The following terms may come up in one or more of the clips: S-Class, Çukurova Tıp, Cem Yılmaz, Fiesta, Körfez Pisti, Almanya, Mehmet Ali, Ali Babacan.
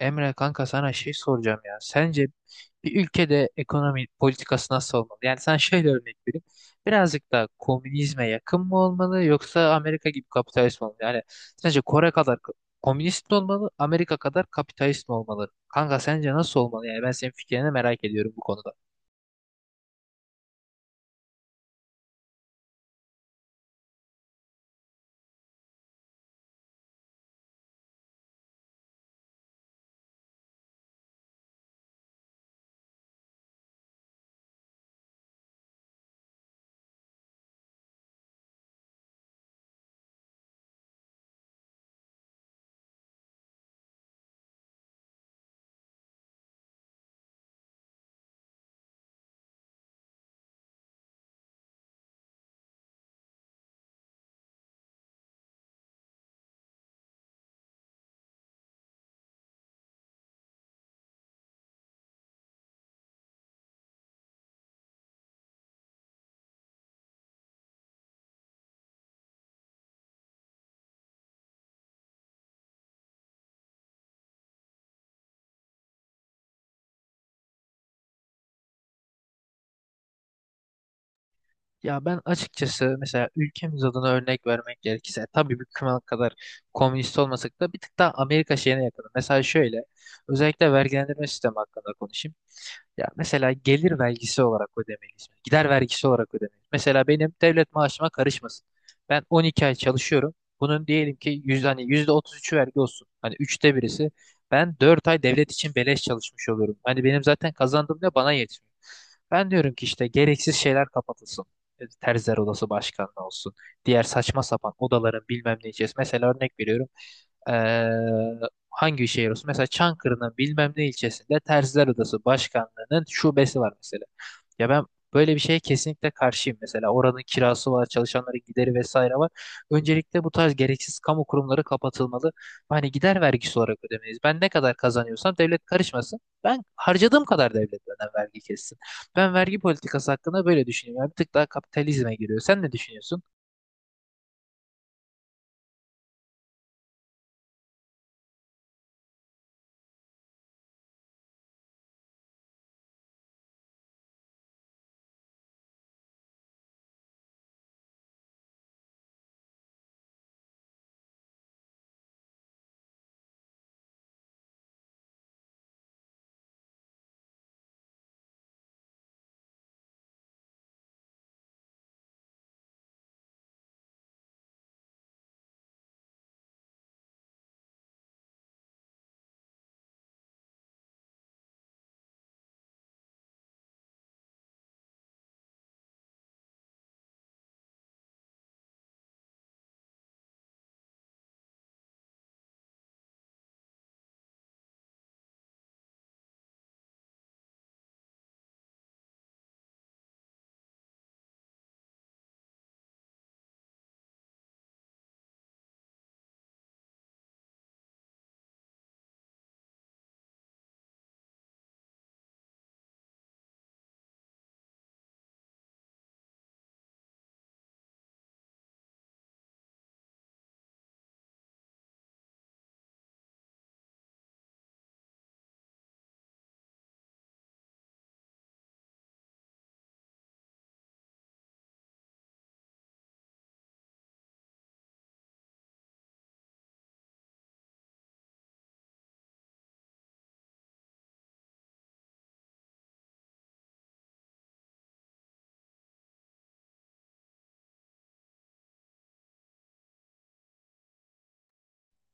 Emre kanka, sana şey soracağım ya. Sence bir ülkede ekonomi politikası nasıl olmalı? Yani sen, şöyle örnek vereyim. Birazcık daha komünizme yakın mı olmalı, yoksa Amerika gibi kapitalist mi olmalı? Yani sence Kore kadar komünist mi olmalı, Amerika kadar kapitalist mi olmalı? Kanka, sence nasıl olmalı? Yani ben senin fikrini merak ediyorum bu konuda. Ya ben açıkçası, mesela ülkemiz adına örnek vermek gerekirse, tabii bir kıma kadar komünist olmasak da bir tık daha Amerika şeyine yakın. Mesela şöyle, özellikle vergilendirme sistemi hakkında konuşayım. Ya mesela gelir vergisi olarak ödemeliyiz. Gider vergisi olarak ödemeliyiz. Mesela benim devlet maaşıma karışmasın. Ben 12 ay çalışıyorum. Bunun diyelim ki hani %33'ü vergi olsun. Hani üçte birisi. Ben 4 ay devlet için beleş çalışmış oluyorum. Hani benim zaten kazandığım ne bana yetmiyor. Ben diyorum ki işte gereksiz şeyler kapatılsın. Terziler odası başkanlığı olsun. Diğer saçma sapan odaların bilmem ne içerisinde. Mesela örnek veriyorum. Ee, hangi şehir olsun? Mesela Çankırı'nın bilmem ne ilçesinde Terziler Odası Başkanlığı'nın şubesi var mesela. Ya ben böyle bir şeye kesinlikle karşıyım mesela. Oranın kirası var, çalışanların gideri vesaire var. Öncelikle bu tarz gereksiz kamu kurumları kapatılmalı. Hani gider vergisi olarak ödemeyiz. Ben ne kadar kazanıyorsam devlet karışmasın. Ben harcadığım kadar devlet benden vergi kessin. Ben vergi politikası hakkında böyle düşünüyorum. Yani bir tık daha kapitalizme giriyor. Sen ne düşünüyorsun?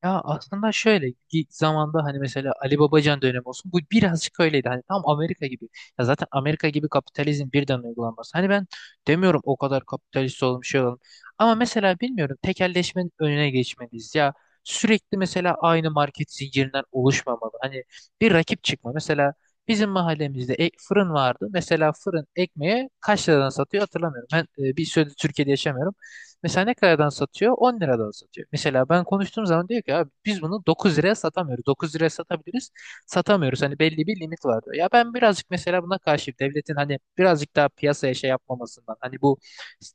Ya aslında şöyle, ilk zamanda hani, mesela Ali Babacan dönemi olsun, bu birazcık öyleydi, hani tam Amerika gibi. Ya zaten Amerika gibi kapitalizm birden uygulanması, hani ben demiyorum o kadar kapitalist olalım, şey olalım, ama mesela bilmiyorum, tekelleşmenin önüne geçmeliyiz ya. Sürekli mesela aynı market zincirinden oluşmamalı, hani bir rakip çıkma mesela. Bizim mahallemizde fırın vardı mesela. Fırın ekmeğe kaç liradan satıyor hatırlamıyorum, ben bir süredir Türkiye'de yaşamıyorum. Mesela ne kadardan satıyor? 10 liradan satıyor. Mesela ben konuştuğum zaman diyor ki, abi biz bunu 9 liraya satamıyoruz. 9 liraya satabiliriz. Satamıyoruz. Hani belli bir limit var diyor. Ya ben birazcık mesela buna karşıyım. Devletin hani birazcık daha piyasaya şey yapmamasından. Hani bu,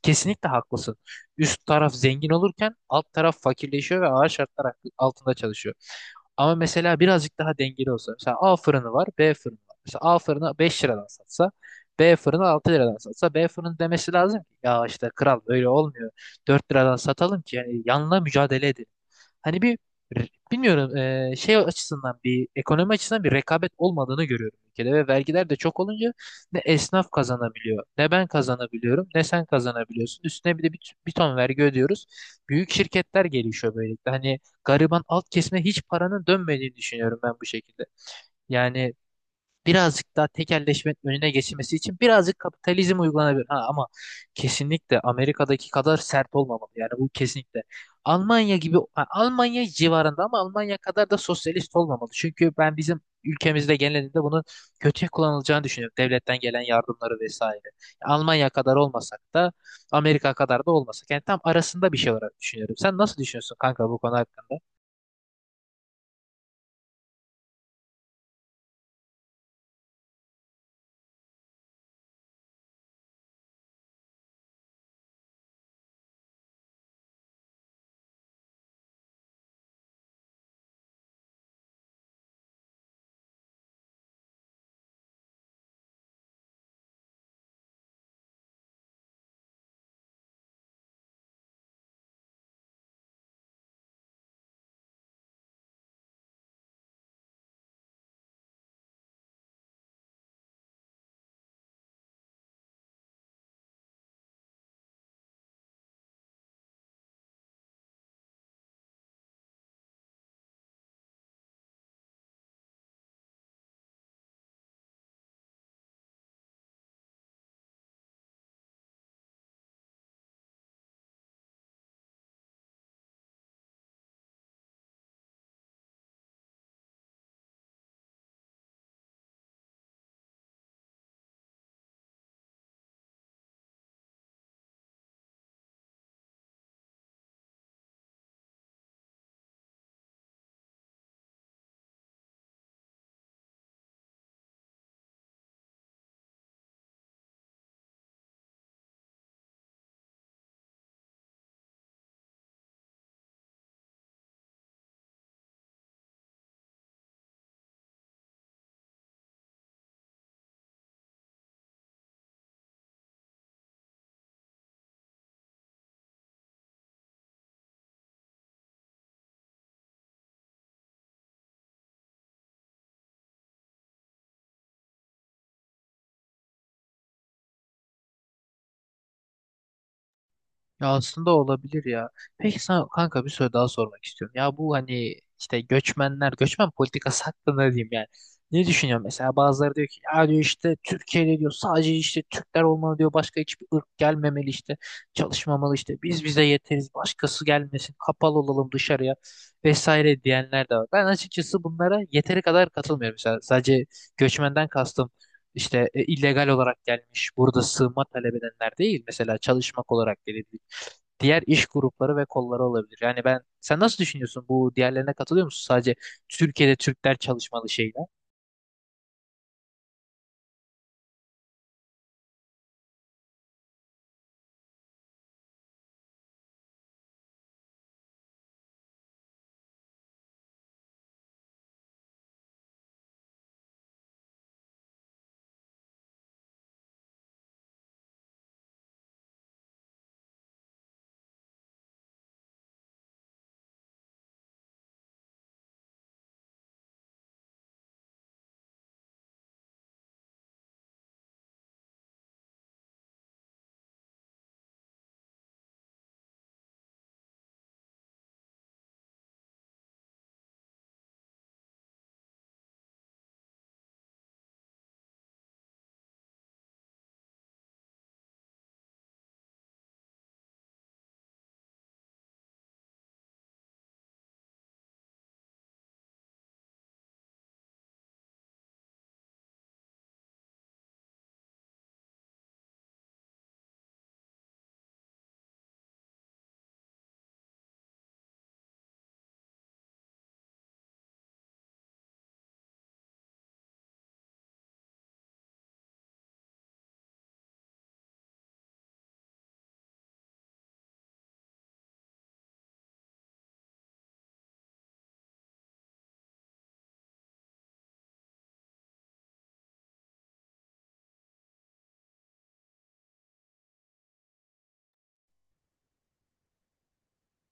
kesinlikle haklısın. Üst taraf zengin olurken alt taraf fakirleşiyor ve ağır şartlar altında çalışıyor. Ama mesela birazcık daha dengeli olsa. Mesela A fırını var, B fırını var. Mesela A fırını 5 liradan satsa, B fırını 6 liradan satsa, B fırını demesi lazım ki ya işte, kral, böyle olmuyor. 4 liradan satalım ki yani yanla mücadele edelim. Hani bilmiyorum, şey açısından, bir ekonomi açısından bir rekabet olmadığını görüyorum ülkede, ve vergiler de çok olunca ne esnaf kazanabiliyor, ne ben kazanabiliyorum, ne sen kazanabiliyorsun. Üstüne bir de bir ton vergi ödüyoruz. Büyük şirketler gelişiyor böylelikle. Hani gariban alt kesime hiç paranın dönmediğini düşünüyorum ben bu şekilde. Yani birazcık daha tekelleşmenin önüne geçilmesi için birazcık kapitalizm uygulanabilir. Ha, ama kesinlikle Amerika'daki kadar sert olmamalı. Yani bu kesinlikle. Almanya gibi, ha, Almanya civarında, ama Almanya kadar da sosyalist olmamalı. Çünkü ben bizim ülkemizde genelinde bunun kötüye kullanılacağını düşünüyorum. Devletten gelen yardımları vesaire. Almanya kadar olmasak da, Amerika kadar da olmasak. Yani tam arasında bir şey olarak düşünüyorum. Sen nasıl düşünüyorsun kanka, bu konu hakkında? Ya aslında olabilir ya. Peki sana kanka bir soru daha sormak istiyorum. Ya bu, hani işte göçmenler, göçmen politikası hakkında ne diyeyim yani. Ne düşünüyorsun mesela? Bazıları diyor ki ya, diyor, işte Türkiye'de diyor sadece işte Türkler olmalı, diyor başka hiçbir ırk gelmemeli, işte çalışmamalı, işte biz bize yeteriz, başkası gelmesin, kapalı olalım dışarıya vesaire diyenler de var. Ben açıkçası bunlara yeteri kadar katılmıyorum mesela. Sadece göçmenden kastım işte, illegal olarak gelmiş burada sığınma talep edenler değil, mesela çalışmak olarak gelebilecek diğer iş grupları ve kolları olabilir. Yani ben, sen nasıl düşünüyorsun? Bu diğerlerine katılıyor musun? Sadece Türkiye'de Türkler çalışmalı, şeyler.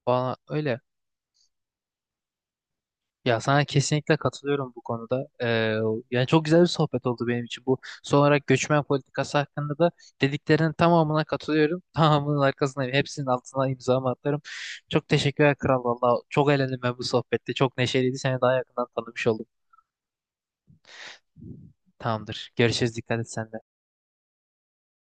Bana öyle. Ya sana kesinlikle katılıyorum bu konuda. Yani çok güzel bir sohbet oldu benim için. Bu son olarak, göçmen politikası hakkında da dediklerinin tamamına katılıyorum. Tamamının arkasına, hepsinin altına imzamı atarım. Çok teşekkürler kral, valla. Çok eğlendim ben bu sohbette. Çok neşeliydi. Seni daha yakından tanımış oldum. Tamamdır. Görüşürüz. Dikkat et sen de.